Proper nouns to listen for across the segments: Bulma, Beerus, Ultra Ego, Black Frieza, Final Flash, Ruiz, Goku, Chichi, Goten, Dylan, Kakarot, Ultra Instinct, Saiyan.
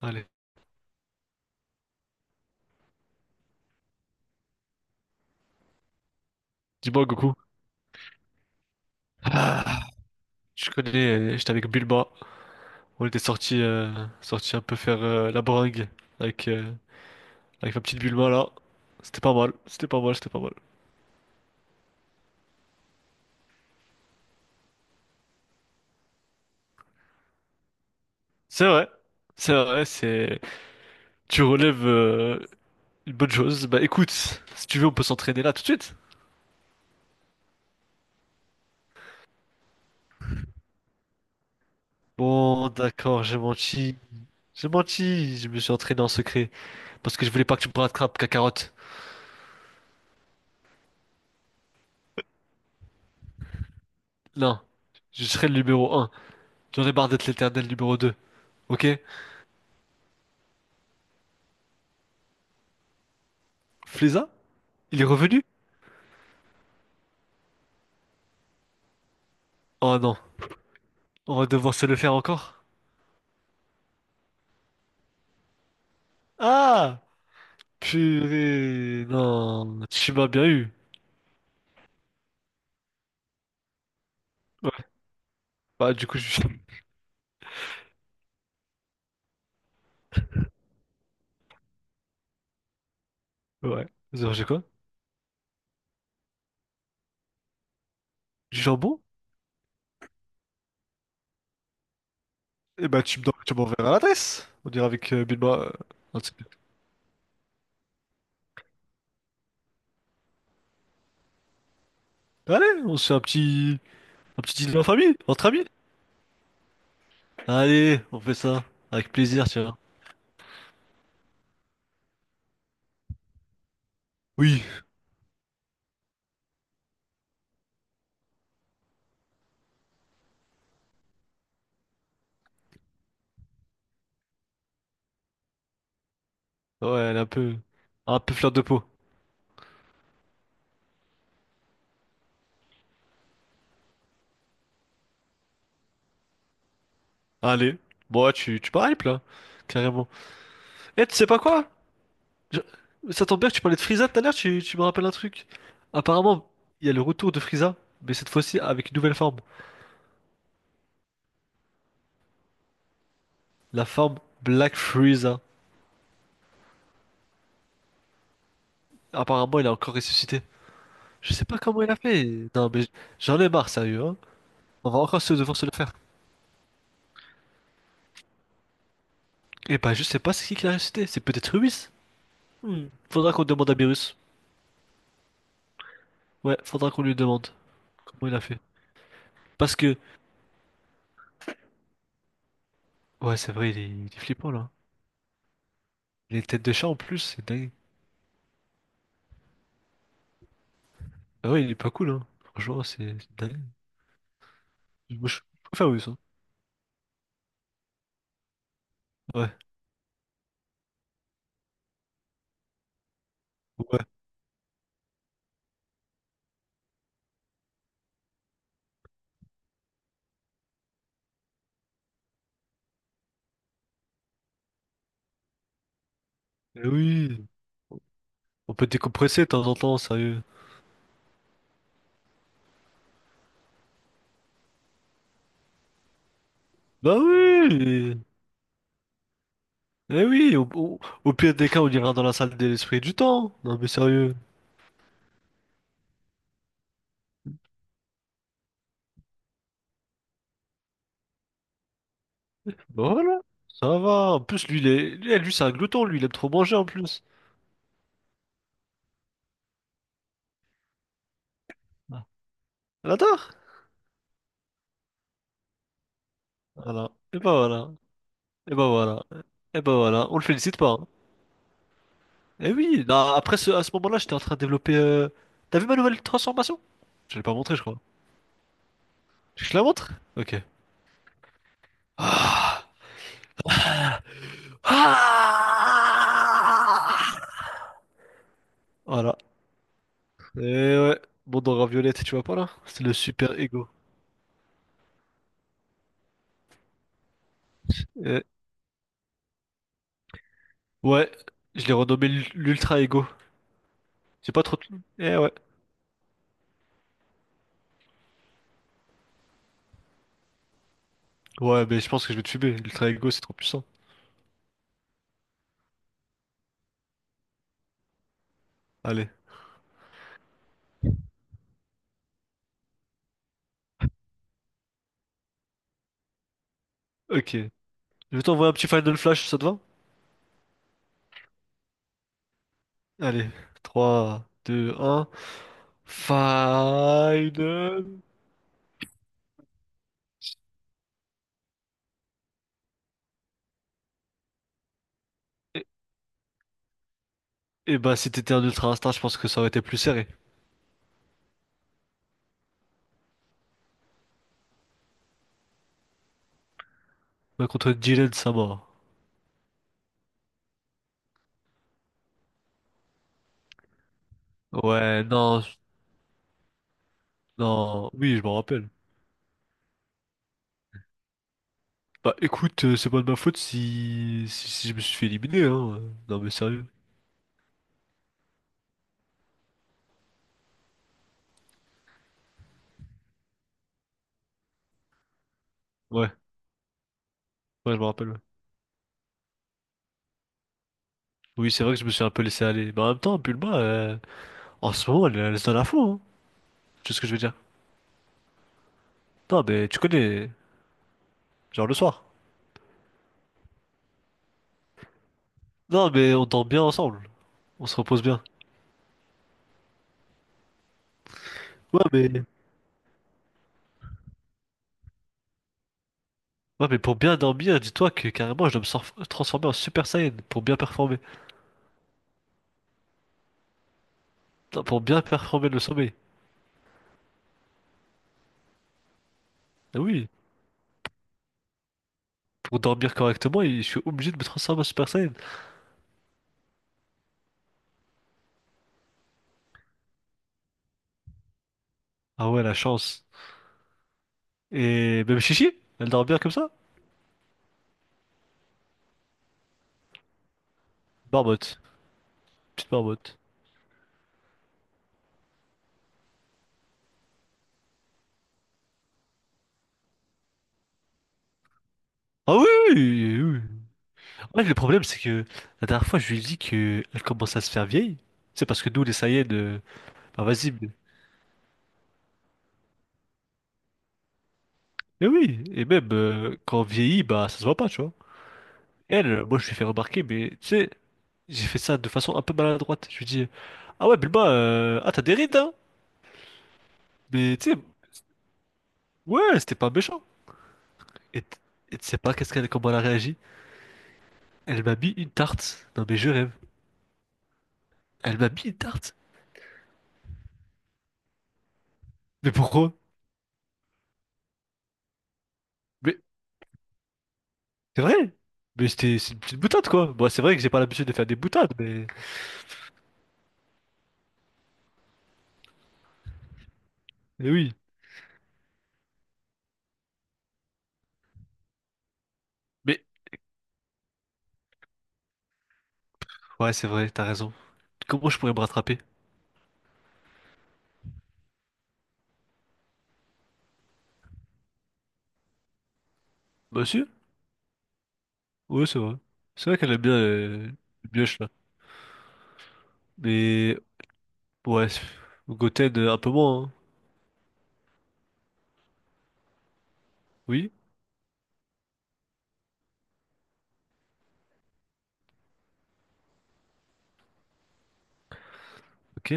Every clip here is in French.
Allez, dis-moi Goku. Ah, je connais, j'étais avec Bulma. On était sortis un peu faire la bringue avec, euh, avec ma petite Bulma là. C'était pas mal, c'était pas mal, c'était pas mal. C'est vrai, c'est vrai, c'est... Tu relèves une bonne chose. Bah écoute, si tu veux on peut s'entraîner là tout de suite. Bon, d'accord, j'ai menti. J'ai menti, je me suis entraîné en secret. Parce que je voulais pas que tu me rattrapes, Kakarot. Non, je serai le numéro 1. J'en ai marre d'être l'éternel numéro 2. Ok? Fléza? Il est revenu? Oh non, on va devoir se le faire encore? Ah! Purée, non, tu m'as bien eu. Ouais, bah du coup, je... ouais. Vous mangez quoi? Du jambon? Eh bah tu me- tu m'enverras l'adresse. On ira avec Bilma. Un de ces- Allez, on se fait un petit dîner en famille, entre amis. Allez, on fait ça. Avec plaisir, tu vois. Oui. Ouais, elle est un peu fleur de peau. Allez, bon, ouais, tu m'hypes, là. Carrément. Eh, tu sais pas quoi? Je- Ça tombe bien que tu parlais de Frieza tout à l'heure, tu me rappelles un truc. Apparemment, il y a le retour de Frieza, mais cette fois-ci avec une nouvelle forme. La forme Black Frieza. Apparemment, il a encore ressuscité. Je sais pas comment il a fait. Non, mais j'en ai marre, sérieux, hein. On va encore se devoir se le faire. Et bah, je sais pas c'est qui l'a ressuscité. C'est peut-être Ruiz. Hmm. Faudra qu'on demande à Beerus. Ouais, faudra qu'on lui demande comment il a fait. Parce que, ouais, c'est vrai, il est flippant là. Les têtes de chat en plus, c'est dingue. Ah ouais, il est pas cool, hein. Franchement, c'est dingue. Moi, je préfère Ruiz, hein. Ouais. Ouais. Eh oui, on peut décompresser de temps en temps, sérieux. Bah oui! Eh oui, au- au pire des cas, on ira dans la salle de l'esprit du temps. Non mais sérieux. Bah voilà, ça va. En plus, lui, il est- lui, eh, lui, c'est un glouton, lui, il aime trop manger en plus. Ah. Elle adore. Voilà. Et bah voilà. Et bah voilà. Et bah voilà. On le félicite pas, hein. Eh oui, non, après ce- à ce moment-là, j'étais en train de développer. T'as vu ma nouvelle transformation? Je l'ai pas montré, je crois. Je te la montre? Ok. Ah! Ah voilà. Et ouais, bon dans Raviolette, tu vois pas là? C'est le super ego. Et ouais, je l'ai renommé l'ultra ego. J'ai pas trop. De- Eh ouais. Ouais, mais je pense que je vais te fumer. L'ultra ego, c'est trop puissant. Allez, ok. Je vais t'envoyer un petit Final Flash, ça te va? Allez, trois, deux, un. Final. Et, et bah, si t'étais un ultra instinct, je pense que ça aurait été plus serré. Mais contre Dylan, ça mort. Ouais, non, non. Oui, je m'en rappelle. Bah écoute, c'est pas de ma faute si... si si je me suis fait éliminer, hein. Non mais sérieux. Ouais, ouais, je me rappelle, ouais. Oui, c'est vrai que je me suis un peu laissé aller. Mais en même temps, en ce moment, elle se donne à fond, hein. Tu sais ce que je veux dire. Non mais tu connais, genre le soir. Non mais on dort bien ensemble, on se repose bien. Ouais mais... Ouais mais pour bien dormir, dis-toi que carrément je dois me transformer en Super Saiyan pour bien performer. Non, pour bien performer le sommeil. Ah oui, pour dormir correctement, il- je suis obligé de me transformer en Super Saiyan. Ah ouais, la chance. Et même Chichi, elle dort bien comme ça? Barbotte, petite barbotte. Ah oui, oui, oui. Ouais, le problème, c'est que la dernière fois, je lui ai dit que elle commence à se faire vieille. C'est parce que nous, les bah vas-y. Mais oui, et même quand on vieillit, bah ça se voit pas, tu vois. Moi, je lui ai fait remarquer, mais tu sais, j'ai fait ça de façon un peu maladroite. Je lui ai dit, ah ouais, ah t'as des rides, hein? Mais tu sais, ouais, c'était pas méchant. Et t- et tu sais pas qu'est-ce qu'elle, comment elle a réagi? Elle m'a mis une tarte. Non mais je rêve. Elle m'a mis une tarte. Mais pourquoi? Mais c'est vrai! Mais c'était c'est une petite boutade quoi! Bon, c'est vrai que j'ai pas l'habitude de faire des boutades, mais. Mais oui! Mais. Ouais, c'est vrai, t'as raison. Comment je pourrais me rattraper? Bah si, ouais, c'est vrai. C'est vrai qu'elle aime bien le mioche là. Mais. Ouais, c'est- Goten un peu moins, hein. Oui, ok,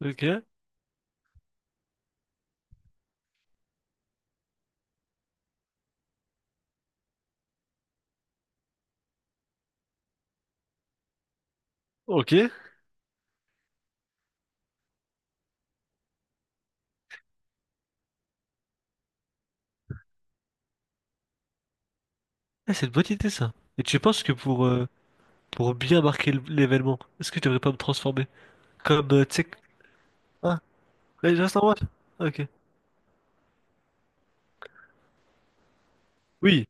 ok, ok. Ah, c'est une bonne idée ça. Et tu penses que pour bien marquer l'événement, est-ce que je devrais pas me transformer? Comme, tu sais. Que- Ah, ouais, je reste en mode. Ok. Oui.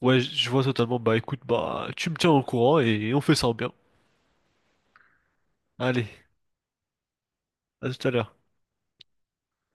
Ouais, je vois totalement. Bah écoute, bah tu me tiens au courant et on fait ça bien. Allez, à tout à l'heure.